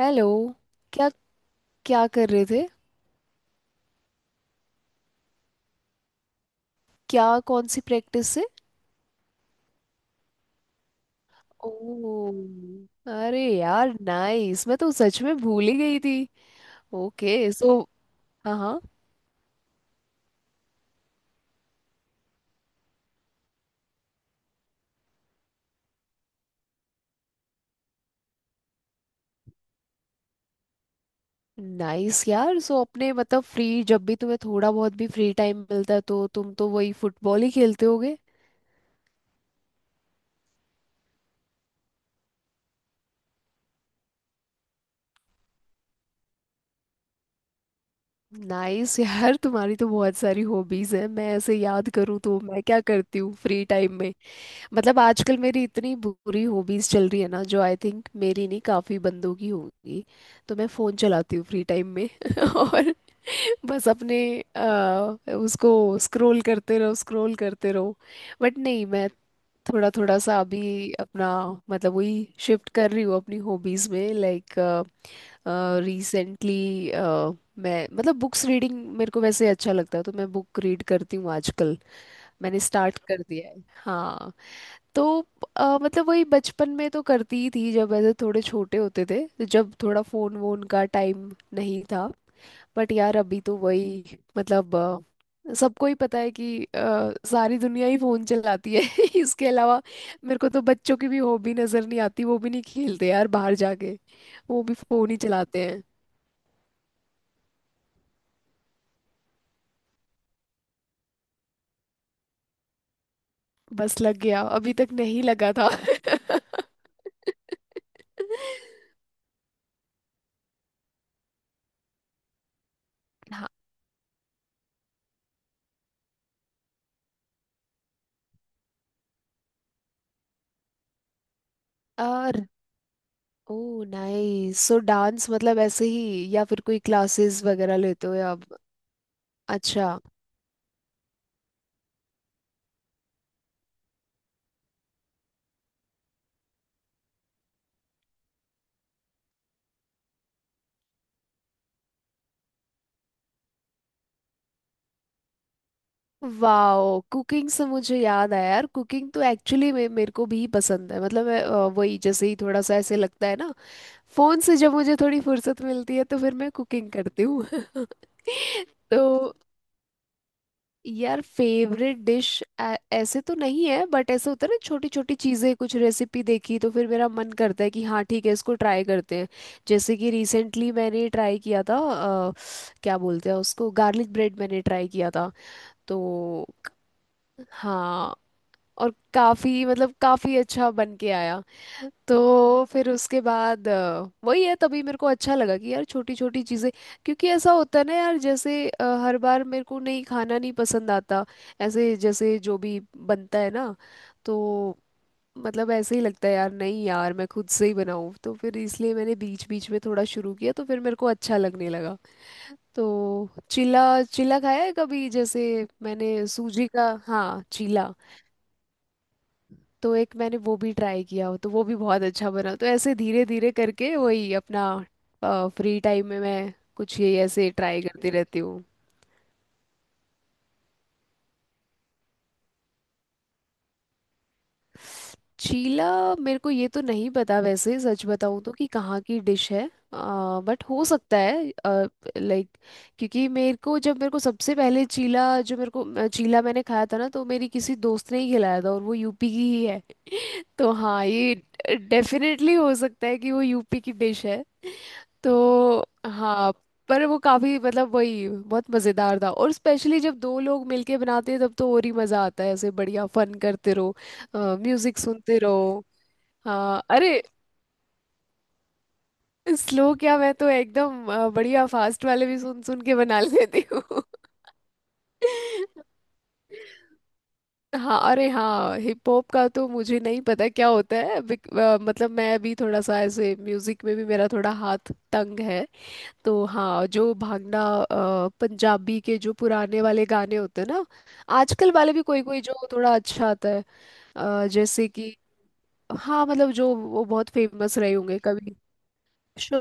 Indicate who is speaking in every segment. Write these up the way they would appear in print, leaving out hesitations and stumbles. Speaker 1: Hello. क्या क्या कर रहे थे? क्या कौन सी प्रैक्टिस से? ओ। अरे यार नाइस, मैं तो सच में भूल ही गई थी। ओके सो हाँ, हाँ। नाइस यार। सो अपने मतलब फ्री, जब भी तुम्हें थोड़ा बहुत भी फ्री टाइम मिलता है तो तुम तो वही फुटबॉल ही खेलते होगे। नाइस यार, तुम्हारी तो बहुत सारी हॉबीज है। मैं ऐसे याद करूँ तो मैं क्या करती हूँ फ्री टाइम में। मतलब आजकल मेरी इतनी बुरी हॉबीज चल रही है ना, जो आई थिंक मेरी नहीं, काफी बंदों की होगी। तो मैं फोन चलाती हूँ फ्री टाइम में और बस अपने उसको स्क्रॉल करते रहो, स्क्रॉल करते रहो। बट नहीं, मैं थोड़ा थोड़ा सा अभी अपना मतलब वही शिफ्ट कर रही हूँ अपनी हॉबीज में। लाइक रिसेंटली, मैं मतलब बुक्स रीडिंग मेरे को वैसे अच्छा लगता है तो मैं बुक रीड करती हूँ आजकल। मैंने स्टार्ट कर दिया है, हाँ। तो मतलब वही बचपन में तो करती ही थी, जब ऐसे थोड़े छोटे होते थे, तो जब थोड़ा फोन वोन का टाइम नहीं था। बट यार अभी तो वही मतलब सबको ही पता है कि सारी दुनिया ही फोन चलाती है इसके अलावा। मेरे को तो बच्चों की भी हॉबी नजर नहीं आती, वो भी नहीं खेलते यार बाहर जाके, वो भी फोन ही चलाते हैं। बस लग गया, अभी तक नहीं लगा था। हाँ। Oh nice. सो डांस मतलब ऐसे ही, या फिर कोई क्लासेस वगैरह लेते हो, या आप? अच्छा। वाओ, कुकिंग से मुझे याद आया यार, कुकिंग तो एक्चुअली मेरे को भी पसंद है। मतलब मैं, वही जैसे ही थोड़ा सा ऐसे लगता है ना, फोन से जब मुझे थोड़ी फुर्सत मिलती है तो फिर मैं कुकिंग करती हूँ तो यार फेवरेट डिश ऐसे तो नहीं है, बट ऐसे होता है ना, छोटी छोटी चीज़ें कुछ रेसिपी देखी तो फिर मेरा मन करता है कि हाँ ठीक है, इसको ट्राई करते हैं। जैसे कि रिसेंटली मैंने ट्राई किया था क्या बोलते हैं उसको, गार्लिक ब्रेड, मैंने ट्राई किया था। तो हाँ, और काफी मतलब काफी अच्छा बन के आया। तो फिर उसके बाद वही है, तभी मेरे को अच्छा लगा कि यार छोटी छोटी चीज़ें। क्योंकि ऐसा होता है ना यार, जैसे हर बार मेरे को नहीं खाना नहीं पसंद आता, ऐसे जैसे जो भी बनता है ना, तो मतलब ऐसे ही लगता है यार, नहीं यार मैं खुद से ही बनाऊं। तो फिर इसलिए मैंने बीच बीच में थोड़ा शुरू किया तो फिर मेरे को अच्छा लगने लगा। तो चीला, चीला खाया है कभी जैसे, मैंने सूजी का, हाँ चीला, तो एक मैंने वो भी ट्राई किया हो तो वो भी बहुत अच्छा बना। तो ऐसे धीरे धीरे करके वही अपना फ्री टाइम में मैं कुछ ये ऐसे ट्राई करती रहती हूँ। चीला मेरे को ये तो नहीं पता वैसे सच बताऊँ तो कि कहाँ की डिश है, बट हो सकता है। लाइक, क्योंकि मेरे को, जब मेरे को सबसे पहले चीला, जो मेरे को चीला मैंने खाया था ना, तो मेरी किसी दोस्त ने ही खिलाया था और वो यूपी की ही है। तो हाँ, ये डेफिनेटली हो सकता है कि वो यूपी की डिश है। तो हाँ। पर वो काफी मतलब वही बहुत मजेदार था, और स्पेशली जब दो लोग मिलके बनाते हैं तब तो और ही मजा आता है, ऐसे बढ़िया फन करते रहो, म्यूजिक सुनते रहो। हाँ अरे, स्लो क्या, मैं तो एकदम बढ़िया फास्ट वाले भी सुन सुन के बना लेती हूँ हाँ अरे हाँ, हिप हॉप का तो मुझे नहीं पता क्या होता है, मतलब मैं अभी थोड़ा सा ऐसे म्यूजिक में भी मेरा थोड़ा हाथ तंग है। तो हाँ, जो भांगड़ा पंजाबी के जो पुराने वाले गाने होते हैं ना, आजकल वाले भी कोई कोई जो थोड़ा अच्छा आता है, जैसे कि, हाँ मतलब जो वो बहुत फेमस रहे होंगे कभी। शो,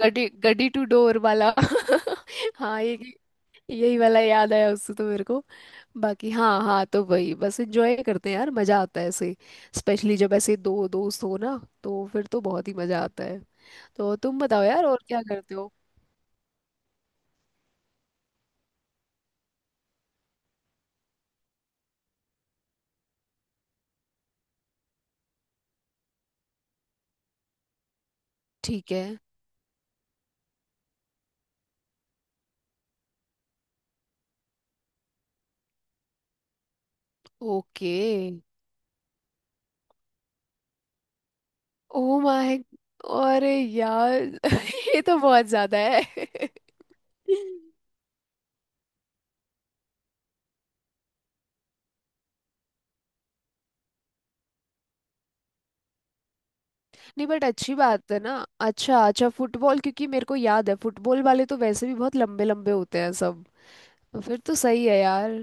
Speaker 1: गडी गडी टू डोर वाला हाँ ये, यही वाला याद आया उससे तो मेरे को। बाकी हाँ हाँ, तो वही बस एंजॉय करते हैं यार, मजा आता है ऐसे, स्पेशली जब ऐसे दो दोस्त हो ना, तो फिर तो बहुत ही मजा आता है। तो तुम बताओ यार, और क्या करते हो। ठीक है। ओके। ओ माय, अरे यार ये तो बहुत ज्यादा है नहीं बट अच्छी बात है ना, अच्छा अच्छा फुटबॉल क्योंकि मेरे को याद है फुटबॉल वाले तो वैसे भी बहुत लंबे लंबे होते हैं सब। तो फिर तो सही है यार।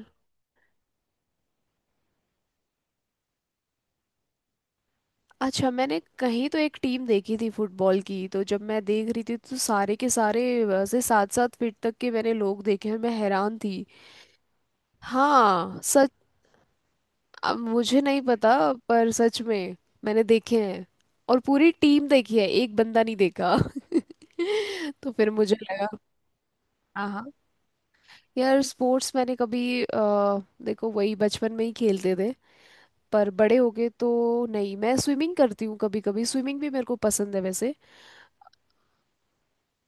Speaker 1: अच्छा, मैंने कहीं तो एक टीम देखी थी फुटबॉल की, तो जब मैं देख रही थी तो सारे के सारे वैसे सात सात फीट तक के मैंने लोग देखे और मैं हैरान थी। हाँ। अब मुझे नहीं पता, पर सच में मैंने देखे हैं, और पूरी टीम देखी है, एक बंदा नहीं देखा तो फिर मुझे लगा। हाँ हाँ यार, स्पोर्ट्स मैंने कभी देखो वही बचपन में ही खेलते थे, पर बड़े हो गए तो नहीं। मैं स्विमिंग करती हूँ कभी कभी, स्विमिंग भी मेरे को पसंद है वैसे।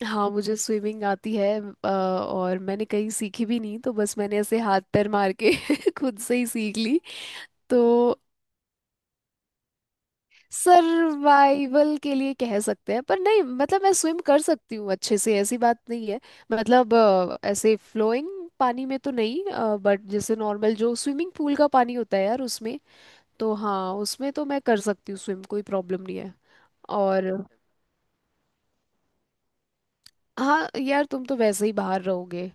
Speaker 1: हाँ मुझे स्विमिंग आती है। और मैंने कहीं सीखी भी नहीं, तो बस मैंने ऐसे हाथ पैर मार के खुद से ही सीख ली। तो सर्वाइवल के लिए कह सकते हैं, पर नहीं मतलब मैं स्विम कर सकती हूँ अच्छे से, ऐसी बात नहीं है। मतलब ऐसे फ्लोइंग पानी में तो नहीं, बट जैसे नॉर्मल जो स्विमिंग पूल का पानी होता है यार उसमें, तो हाँ उसमें तो मैं कर सकती हूँ स्विम, कोई प्रॉब्लम नहीं है। और हाँ यार तुम तो वैसे ही बाहर रहोगे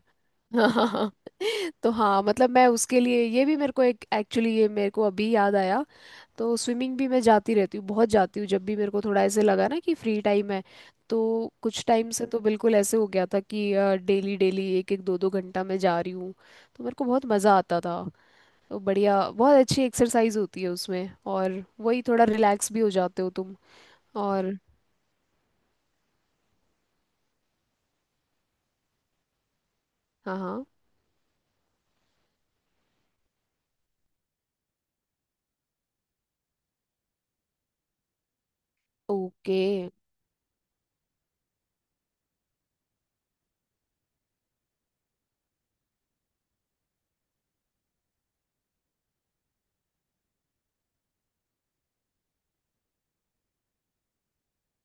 Speaker 1: तो हाँ मतलब मैं उसके लिए ये भी मेरे को एक एक्चुअली ये मेरे को अभी याद आया, तो स्विमिंग भी मैं जाती रहती हूँ, बहुत जाती हूँ, जब भी मेरे को थोड़ा ऐसे लगा ना कि फ्री टाइम है। तो कुछ टाइम से तो बिल्कुल ऐसे हो गया था कि डेली डेली एक एक दो दो घंटा मैं जा रही हूँ, तो मेरे को बहुत मज़ा आता था। तो बढ़िया, बहुत अच्छी एक्सरसाइज होती है उसमें, और वही थोड़ा रिलैक्स भी हो जाते हो तुम। और हाँ, हाँ। Okay,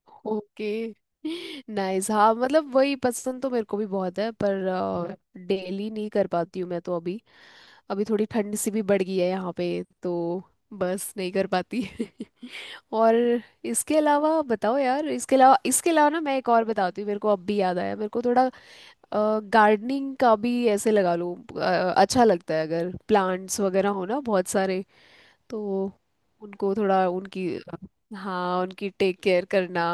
Speaker 1: okay. नाइस, हाँ मतलब वही पसंद तो मेरे को भी बहुत है, पर डेली नहीं कर पाती हूँ मैं तो। अभी अभी थोड़ी ठंड सी भी बढ़ गई है यहाँ पे, तो बस नहीं कर पाती और इसके अलावा बताओ यार, इसके अलावा ना, मैं एक और बताती हूँ, मेरे को अब भी याद आया मेरे को थोड़ा, गार्डनिंग का भी ऐसे लगा लो, अच्छा लगता है अगर प्लांट्स वगैरह हो ना बहुत सारे, तो उनको थोड़ा उनकी, हाँ उनकी टेक केयर करना।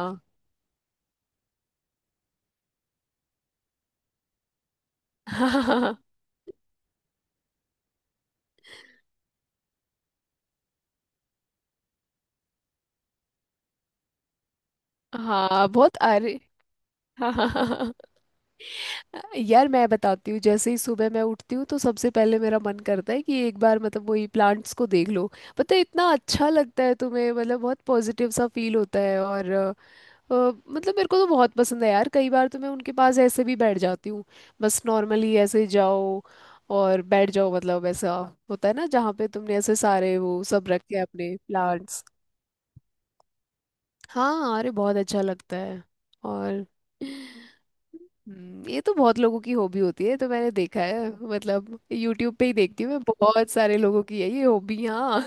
Speaker 1: हाँ बहुत अरे। हाँ, हाँ, हाँ, हाँ। यार मैं बताती हूँ, जैसे ही सुबह मैं उठती हूँ तो सबसे पहले मेरा मन करता है कि एक बार मतलब वही प्लांट्स को देख लो। पता है इतना अच्छा लगता है तुम्हें, मतलब बहुत पॉजिटिव सा फील होता है। और अ, मतलब मेरे को तो बहुत पसंद है यार, कई बार तो मैं उनके पास ऐसे भी बैठ जाती हूँ, बस नॉर्मली ऐसे जाओ और बैठ जाओ, मतलब ऐसा होता है ना जहाँ पे तुमने ऐसे सारे वो सब रखे हैं अपने प्लांट्स। हाँ अरे बहुत अच्छा लगता है। और ये तो बहुत लोगों की हॉबी होती है ये तो मैंने देखा है, मतलब यूट्यूब पे ही देखती हूँ मैं, बहुत सारे लोगों की है ये हॉबी, हाँ।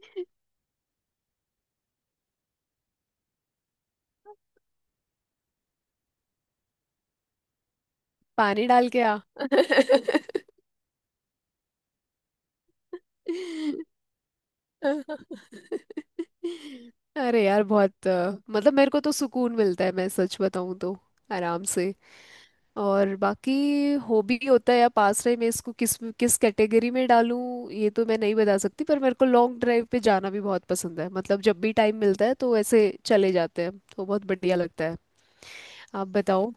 Speaker 1: पानी डाल के आ। अरे यार, बहुत मतलब मेरे को तो सुकून मिलता है, मैं सच बताऊं तो, आराम से। और बाकी हॉबी होता है या पास टाइम मैं इसको किस किस कैटेगरी में डालूं, ये तो मैं नहीं बता सकती, पर मेरे को लॉन्ग ड्राइव पे जाना भी बहुत पसंद है, मतलब जब भी टाइम मिलता है तो ऐसे चले जाते हैं तो बहुत बढ़िया लगता है। आप बताओ।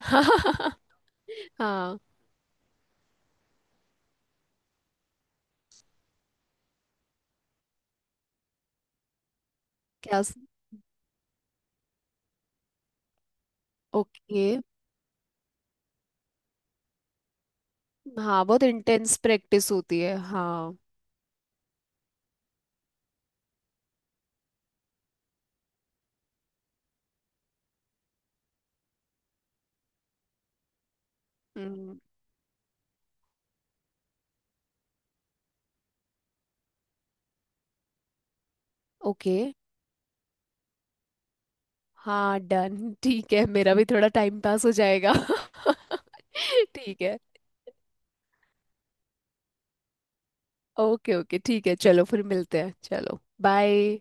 Speaker 1: हाँ। क्या। ओके। हाँ बहुत इंटेंस प्रैक्टिस होती है, हाँ। हम्म। ओके। हाँ डन ठीक है मेरा भी थोड़ा टाइम पास हो जाएगा। ठीक है। ओके, ओके, ठीक है, चलो फिर मिलते हैं, चलो। बाय।